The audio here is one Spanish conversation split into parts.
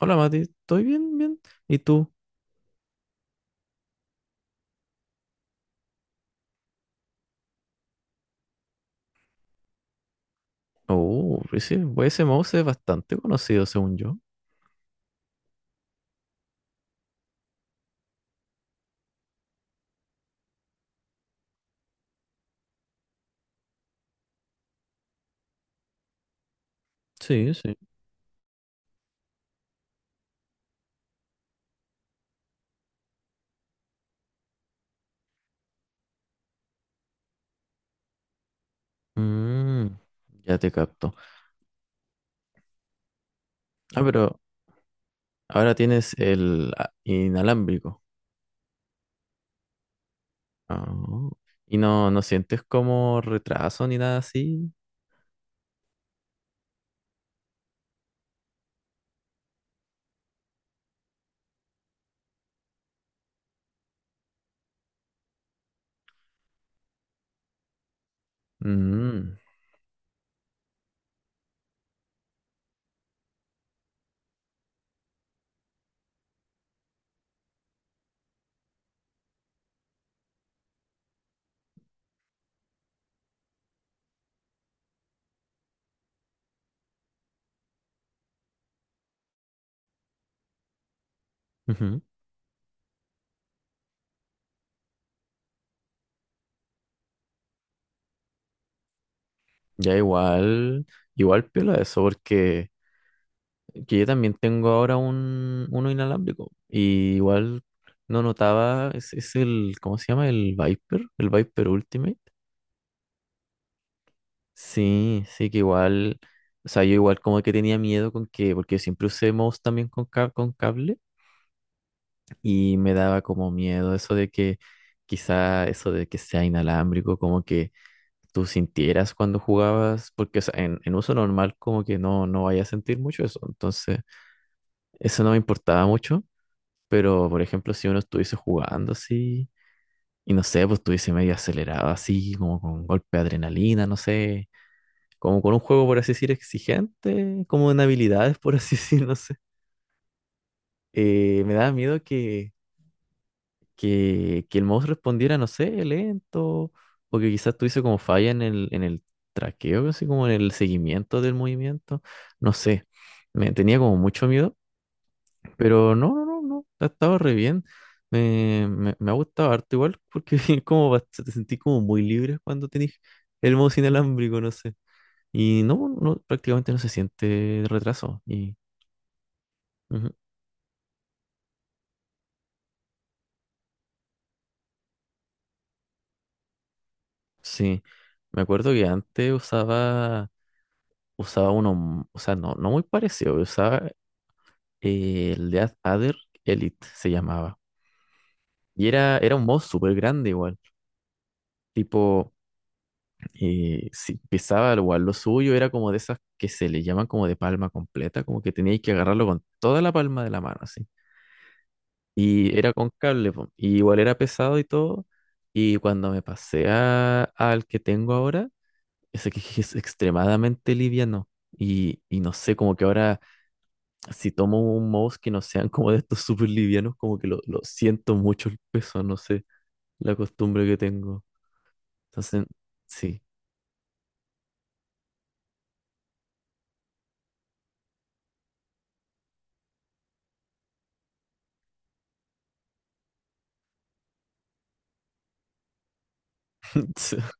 Hola Mati, ¿estoy bien? Bien. ¿Y tú? Oh, ese mouse es bastante conocido, según yo. Sí, sí. Mm, ya te capto. Ah, pero ahora tienes el inalámbrico. Ah, y no, no sientes como retraso ni nada así. Mm, ujú. Ya igual, piola eso, porque que yo también tengo ahora uno inalámbrico. Y igual no notaba, es el, ¿cómo se llama? El Viper Ultimate. Sí, sí, que igual, o sea, yo igual como que tenía miedo con que, porque siempre usé mouse también con, con cable, y me daba como miedo eso de que quizá eso de que sea inalámbrico, como que tú sintieras cuando jugabas, porque o sea, en uso normal como que no, no vaya a sentir mucho eso. Entonces, eso no me importaba mucho. Pero, por ejemplo, si uno estuviese jugando así, y no sé, pues estuviese medio acelerado así, como con un golpe de adrenalina, no sé, como con un juego, por así decir, exigente, como en habilidades, por así decir, no sé. Me daba miedo que, que el mouse respondiera, no sé, lento, o que quizás tuviese como falla en el traqueo, así como en el seguimiento del movimiento, no sé. Me tenía como mucho miedo. Pero no, no, no, no, ha estado re bien. Me ha gustado harto igual, porque como te sentís como muy libre cuando tenés el mouse inalámbrico, no sé. Y no, no, prácticamente no se siente retraso. Y ujú, sí, me acuerdo que antes usaba uno, o sea, no, no muy parecido, usaba el de Ader Elite, se llamaba. Y era un mouse súper grande igual, tipo, si pisaba igual lo suyo, era como de esas que se le llaman como de palma completa, como que teníais que agarrarlo con toda la palma de la mano, así. Y era con cable, po, y igual era pesado y todo. Y cuando me pasé al que tengo ahora, ese que es extremadamente liviano. Y no sé, como que ahora si tomo un mouse que no sean como de estos súper livianos, como que lo siento mucho el peso, no sé, la costumbre que tengo. Entonces, sí.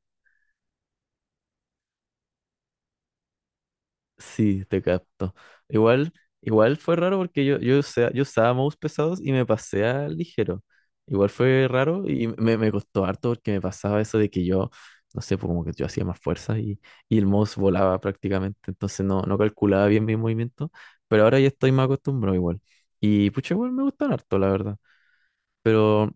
Sí, te capto. Igual, igual fue raro porque yo, yo usaba mouse pesados y me pasé a ligero. Igual fue raro y me costó harto porque me pasaba eso de que yo, no sé, pues como que yo hacía más fuerza y el mouse volaba prácticamente. Entonces no, no calculaba bien mi movimiento, pero ahora ya estoy más acostumbrado igual. Y pucha, igual me gustan harto, la verdad. Pero,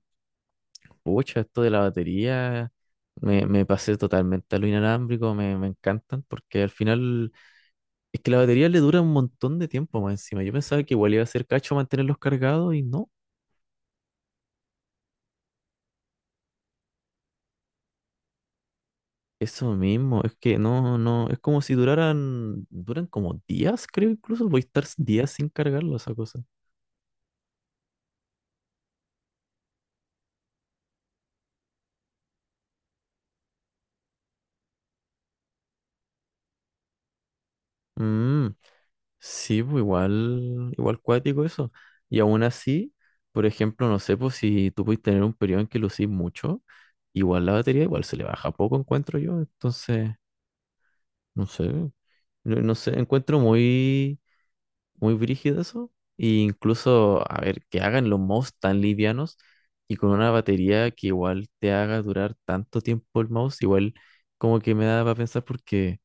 pucha, esto de la batería, me pasé totalmente a lo inalámbrico, me encantan porque al final... Es que la batería le dura un montón de tiempo más encima. Yo pensaba que igual iba a ser cacho mantenerlos cargados y no. Eso mismo, es que no, no, es como si duraran, duran como días, creo, incluso voy a estar días sin cargarlo esa cosa. Mm, sí, pues igual, igual cuático eso. Y aún así, por ejemplo, no sé, pues si tú puedes tener un periodo en que lo lucís mucho, igual la batería igual se le baja poco, encuentro yo. Entonces, no sé, no, no sé, encuentro muy... muy brígido eso. E incluso, a ver, que hagan los mouse tan livianos y con una batería que igual te haga durar tanto tiempo el mouse, igual como que me da para pensar, porque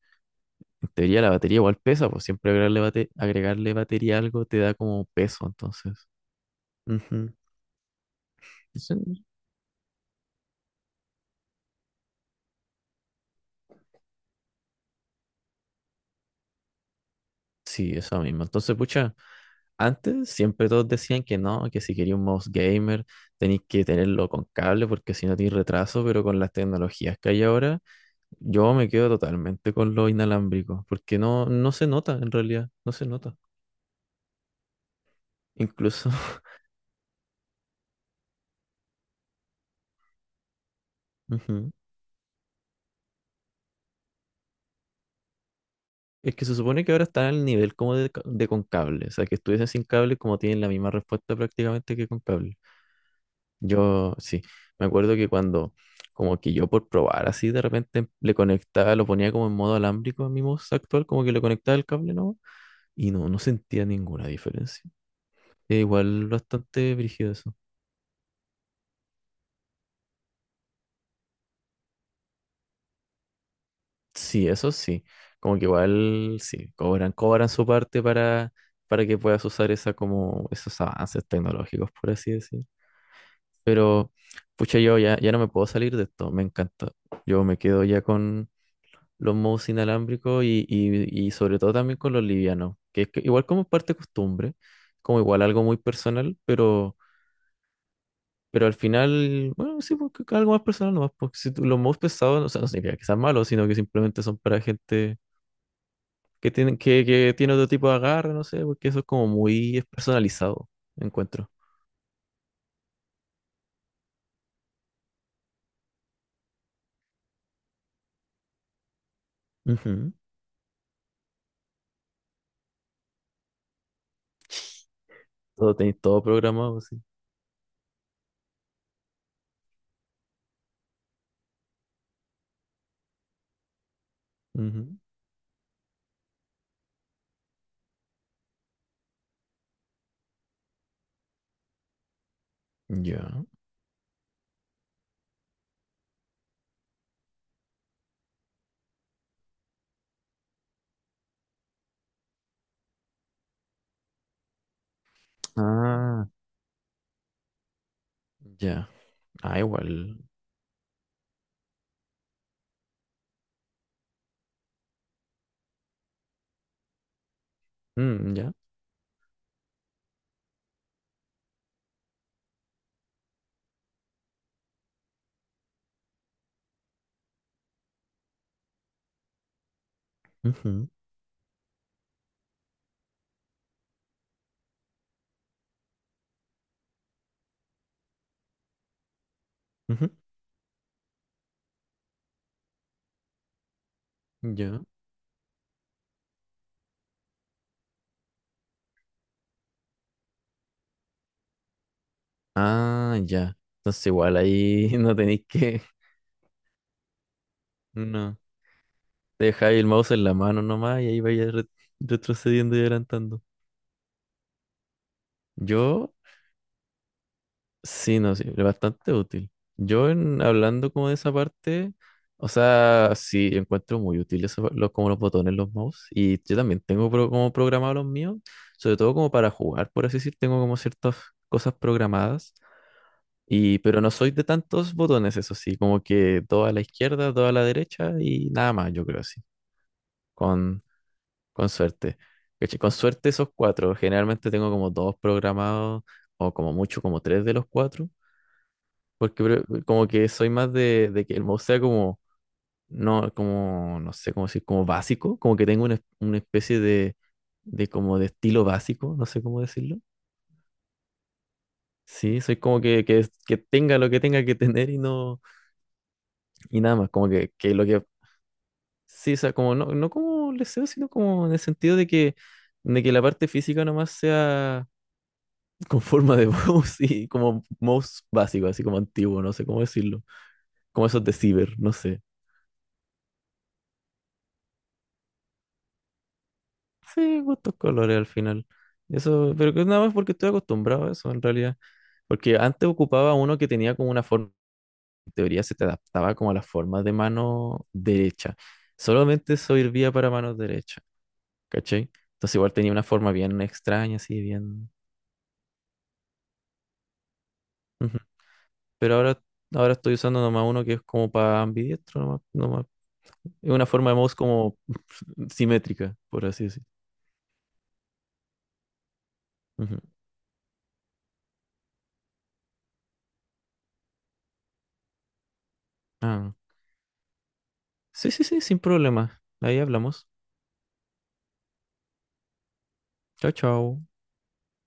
en teoría la batería igual pesa, pues siempre agregarle, agregarle batería a algo te da como peso, entonces. Ujú. Eso... Sí, eso mismo. Entonces, pucha. Antes siempre todos decían que no, que si quería un mouse gamer tenéis que tenerlo con cable porque si no tienes retraso, pero con las tecnologías que hay ahora, yo me quedo totalmente con lo inalámbrico, porque no, no se nota en realidad, no se nota. Incluso, ujú. Es que se supone que ahora están al nivel como de, de con cable, o sea, que estuviesen sin cable como tienen la misma respuesta prácticamente que con cable. Yo sí, me acuerdo que cuando, como que yo por probar así de repente le conectaba, lo ponía como en modo alámbrico a mi voz actual, como que le conectaba el cable, ¿no? Y no, no sentía ninguna diferencia. Es igual bastante brígido. Sí, eso sí. Como que igual sí, cobran, cobran su parte para que puedas usar esa como esos avances tecnológicos, por así decir. Pero, pucha, yo ya, ya no me puedo salir de esto, me encanta. Yo me quedo ya con los mouse inalámbricos y sobre todo también con los livianos, que es que igual como parte costumbre, como igual algo muy personal, pero al final, bueno, sí, porque algo más personal nomás, porque si los mouse pesados, no, o sea, no significa que sean malos, sino que simplemente son para gente que tienen, que tiene otro tipo de agarre, no sé, porque eso es como muy personalizado, encuentro. Ujú. Todo tenéis todo programado, sí. Ujú. Ya. Ah, ya. Ah, igual. Mm, ya. Ujú, ujú. Ya. Ah, ya. Entonces igual ahí no tenéis que. No. Dejáis el mouse en la mano nomás y ahí vais retrocediendo y adelantando. Yo... Sí, no, sí, es bastante útil. Yo en, hablando como de esa parte, o sea, sí, encuentro muy útil eso, como los botones, los mouse, y yo también tengo como programados los míos, sobre todo como para jugar, por así decir, tengo como ciertas cosas programadas, y, pero no soy de tantos botones, eso sí, como que dos a la izquierda, dos a la derecha y nada más, yo creo así, con, con suerte. Caché. Con suerte esos cuatro, generalmente tengo como dos programados o como mucho como tres de los cuatro. Porque como que soy más de que el mouse sea como, no sé cómo decir, como básico, como que tengo una, una especie de como de estilo básico, no sé cómo decirlo. Sí, soy como que, que tenga lo que tenga que tener y no, y nada más, como que lo que, sí, o sea, como no, no como deseo, sino como en el sentido de que la parte física nomás sea con forma de mouse y como mouse básico, así como antiguo, no sé cómo decirlo, como esos de ciber, no sé. Sí, gustos colores al final. Eso, pero que nada más porque estoy acostumbrado a eso en realidad. Porque antes ocupaba uno que tenía como una forma, en teoría se te adaptaba como a la forma de mano derecha. Solamente eso servía para mano derecha, ¿cachai? Entonces igual tenía una forma bien extraña, así bien. Ujú. Pero ahora, ahora estoy usando nomás uno que es como para ambidiestro, nomás, nomás. Es una forma de mouse como simétrica, por así decir. Ujú. Ah, sí, sí, sí, sin problema. Ahí hablamos. Chao, chao.